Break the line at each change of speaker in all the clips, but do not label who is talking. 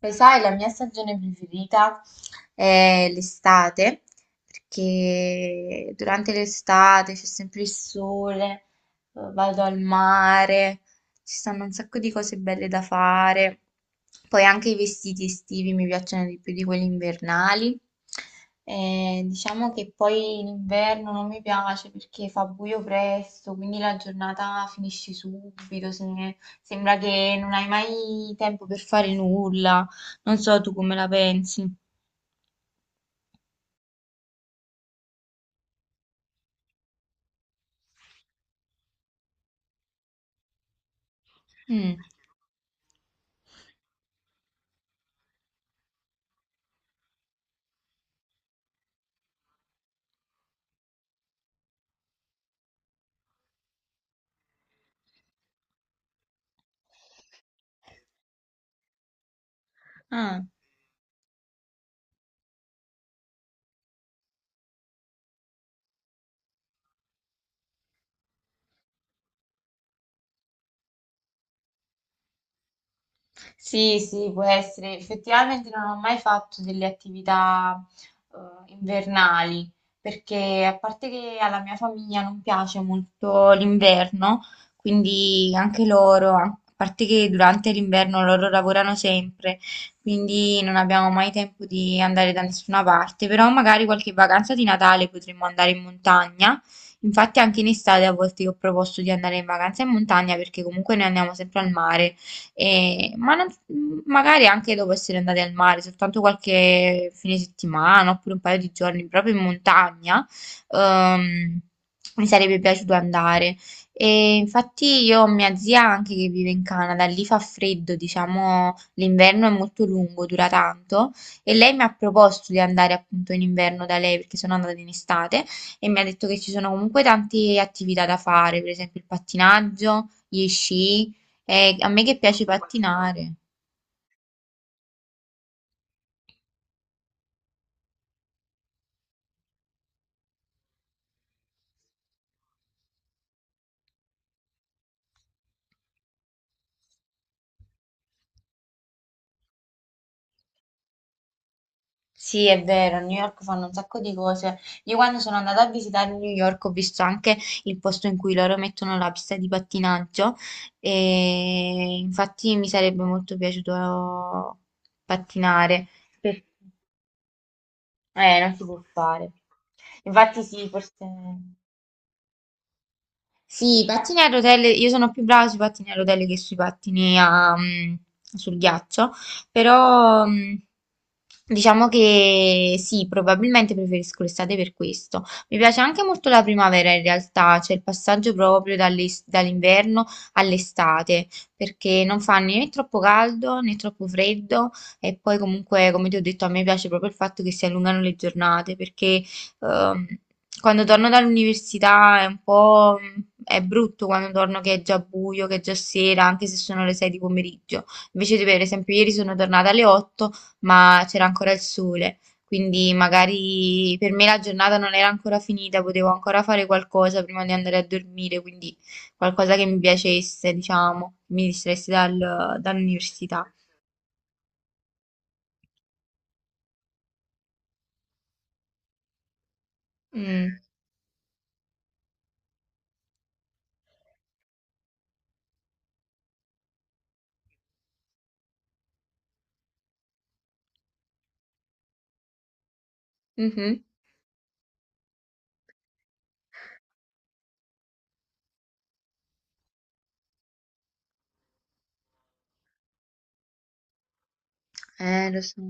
Lo sai, la mia stagione preferita è l'estate, perché durante l'estate c'è sempre il sole, vado al mare, ci stanno un sacco di cose belle da fare. Poi anche i vestiti estivi mi piacciono di più di quelli invernali. Diciamo che poi l'inverno non mi piace perché fa buio presto, quindi la giornata finisce subito, sembra che non hai mai tempo per fare nulla. Non so tu come la pensi. Mm. Ah. Sì, sì, può essere. Effettivamente non ho mai fatto delle attività invernali, perché a parte che alla mia famiglia non piace molto l'inverno, quindi anche loro, a parte che durante l'inverno loro lavorano sempre, quindi non abbiamo mai tempo di andare da nessuna parte, però magari qualche vacanza di Natale potremmo andare in montagna. Infatti anche in estate a volte io ho proposto di andare in vacanza in montagna perché comunque noi andiamo sempre al mare. E- ma non- magari anche dopo essere andati al mare, soltanto qualche fine settimana oppure un paio di giorni proprio in montagna, ehm, mi sarebbe piaciuto andare. E infatti io ho mia zia anche che vive in Canada, lì fa freddo, diciamo, l'inverno è molto lungo, dura tanto e lei mi ha proposto di andare appunto in inverno da lei perché sono andata in estate e mi ha detto che ci sono comunque tante attività da fare, per esempio il pattinaggio, gli sci, a me che piace pattinare. Sì, è vero, a New York fanno un sacco di cose. Io quando sono andata a visitare New York ho visto anche il posto in cui loro mettono la pista di pattinaggio e infatti mi sarebbe molto piaciuto pattinare. Per- non si può fare. Infatti sì, forse... Sì, i pattini a rotelle, io sono più brava sui pattini a rotelle che sui pattini a, sul ghiaccio, però diciamo che sì, probabilmente preferisco l'estate per questo. Mi piace anche molto la primavera in realtà, cioè il passaggio proprio dall'inverno all'estate, perché non fa né troppo caldo né troppo freddo e poi comunque, come ti ho detto, a me piace proprio il fatto che si allungano le giornate, perché Ehm, quando torno dall'università è un po'... è brutto quando torno che è già buio, che è già sera, anche se sono le 6 di pomeriggio. Invece, per esempio, ieri sono tornata alle 8, ma c'era ancora il sole. Quindi magari per me la giornata non era ancora finita, potevo ancora fare qualcosa prima di andare a dormire, quindi qualcosa che mi piacesse, diciamo, mi distraesse dall'università. Mm. Mhm. Lo so.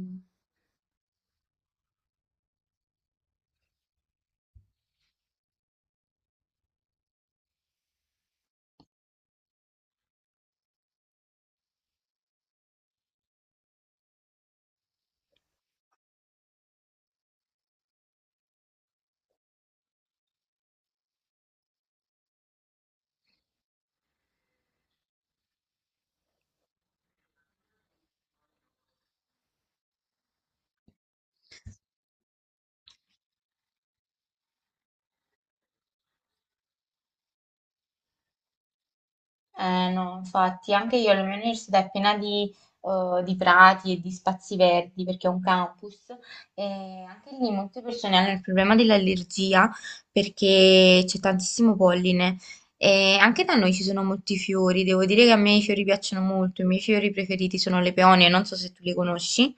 No, infatti, anche io la mia università è piena di prati e di spazi verdi perché è un campus e anche lì molte persone hanno il problema dell'allergia perché c'è tantissimo polline e anche da noi ci sono molti fiori, devo dire che a me i fiori piacciono molto, i miei fiori preferiti sono le peonie, non so se tu li conosci,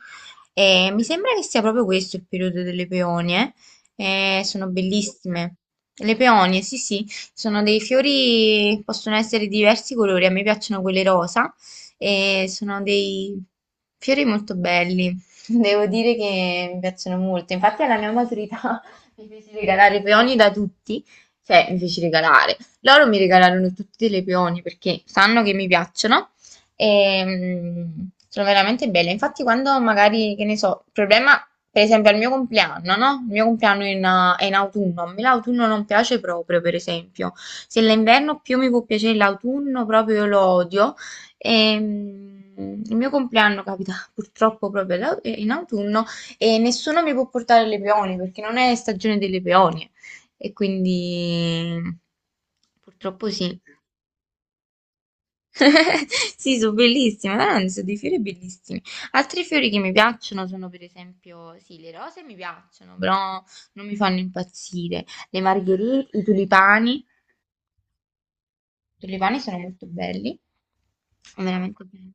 e mi sembra che sia proprio questo il periodo delle peonie. Sono bellissime. Le peonie, sì, sì. Sono dei fiori, possono essere di diversi colori, a me piacciono quelli rosa e sono dei fiori molto belli. Devo dire che mi piacciono molto. Infatti alla mia maturità mi feci regalare i peoni da tutti, cioè mi feci regalare. Loro mi regalarono tutti delle peoni perché sanno che mi piacciono e, sono veramente belle. Infatti, quando magari, che ne so, il problema, per esempio, al mio compleanno, no? Il mio compleanno è in autunno. A me l'autunno non piace proprio, per esempio. Se l'inverno più mi può piacere l'autunno, proprio io lo odio. E, il mio compleanno capita purtroppo proprio in autunno e nessuno mi può portare le peonie perché non è stagione delle peonie. E quindi purtroppo sì. Sì, sono bellissime, veramente sono dei fiori bellissimi. Altri fiori che mi piacciono sono per esempio, sì, le rose mi piacciono, però non mi fanno impazzire. Le margherite, i tulipani sono molto belli, sono veramente belli.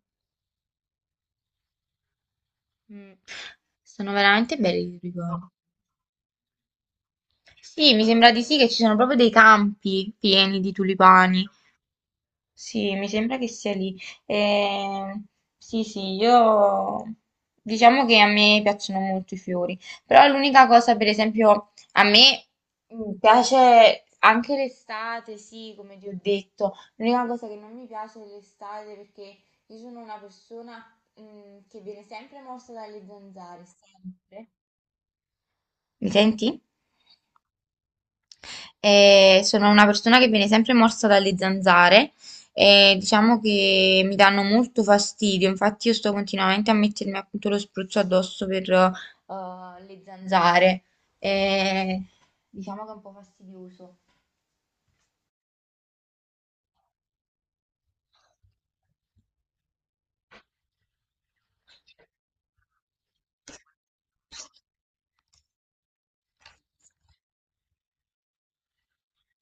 Mm. Sono veramente belli i tulipani. Sì, mi sembra di sì che ci sono proprio dei campi pieni di tulipani. Sì, mi sembra che sia lì. Ehm, sì, sì, io diciamo che a me piacciono molto i fiori, però l'unica cosa, per esempio, a me piace anche l'estate, sì, come ti ho detto, l'unica cosa che non mi piace è l'estate perché io sono una persona, che viene sempre morsa dalle zanzare, sempre. Mi senti? E sono una persona che viene sempre morsa dalle zanzare e diciamo che mi danno molto fastidio, infatti io sto continuamente a mettermi appunto lo spruzzo addosso per le zanzare. E diciamo che è un po' fastidioso.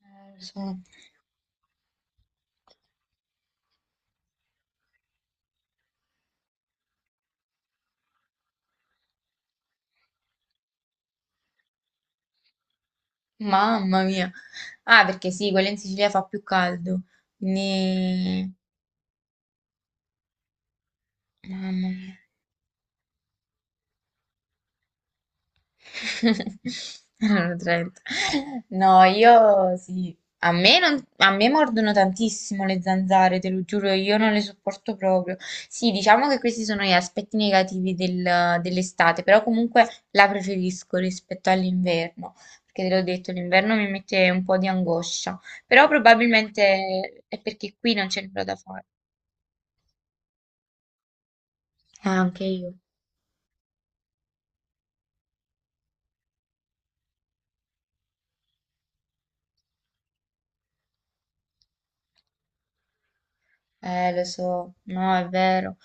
Lo so. Mamma mia. Ah, perché sì, quella in Sicilia fa più caldo. Quindi... Mamma mia. Erano 30. No, io sì. A me, non- a me mordono tantissimo le zanzare, te lo giuro, io non le sopporto proprio. Sì, diciamo che questi sono gli aspetti negativi dell'estate, però comunque la preferisco rispetto all'inverno, perché te l'ho detto, l'inverno mi mette un po' di angoscia, però probabilmente è perché qui non c'è nulla da fare. Ah, anche io. Lo so, no, è vero.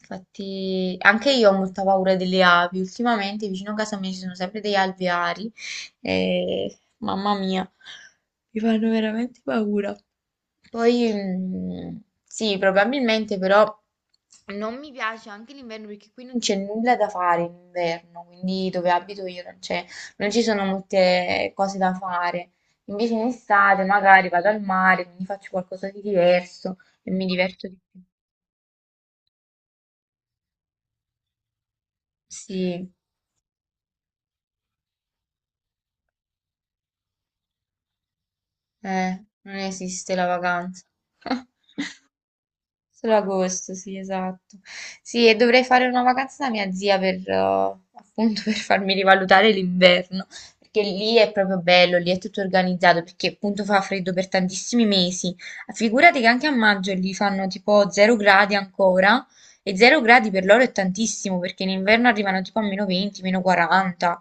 Infatti, anche io ho molta paura delle api. Ultimamente vicino a casa mia ci sono sempre degli alveari e mamma mia, mi fanno veramente paura. Poi sì, probabilmente però non mi piace anche l'inverno perché qui non c'è nulla da fare in inverno, quindi dove abito io non c'è, non ci sono molte cose da fare. Invece in estate magari vado al mare, quindi faccio qualcosa di diverso e mi diverto di più. Sì, non esiste la vacanza. Solo agosto, sì, esatto. Sì, e dovrei fare una vacanza da mia zia per, appunto, per farmi rivalutare l'inverno, perché lì è proprio bello, lì è tutto organizzato, perché appunto fa freddo per tantissimi mesi. Figurati che anche a maggio lì fanno tipo 0 gradi ancora, e 0 gradi per loro è tantissimo, perché in inverno arrivano tipo a meno 20, meno 40.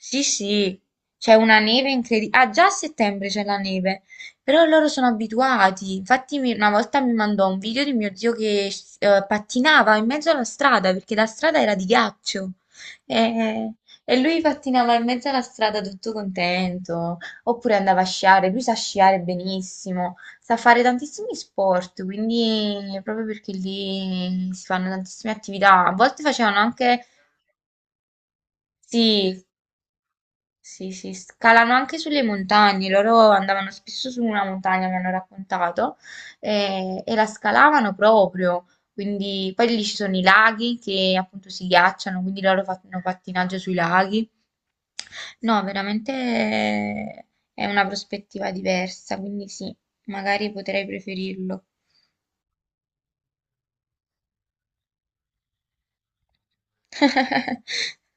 Sì, sì, c'è una neve incredibile. Ah, già a settembre c'è la neve, però loro sono abituati. Infatti una volta mi mandò un video di mio zio che pattinava in mezzo alla strada, perché la strada era di ghiaccio. E, e lui pattinava in mezzo alla strada tutto contento, oppure andava a sciare, lui sa sciare benissimo, sa fare tantissimi sport, quindi proprio perché lì si fanno tantissime attività. A volte facevano anche... Sì, sì, sì, scalano anche sulle montagne, loro andavano spesso su una montagna, mi hanno raccontato, e la scalavano proprio, quindi poi lì ci sono i laghi che appunto si ghiacciano, quindi loro fanno pattinaggio sui laghi. No, veramente è una prospettiva diversa, quindi sì, magari potrei preferirlo.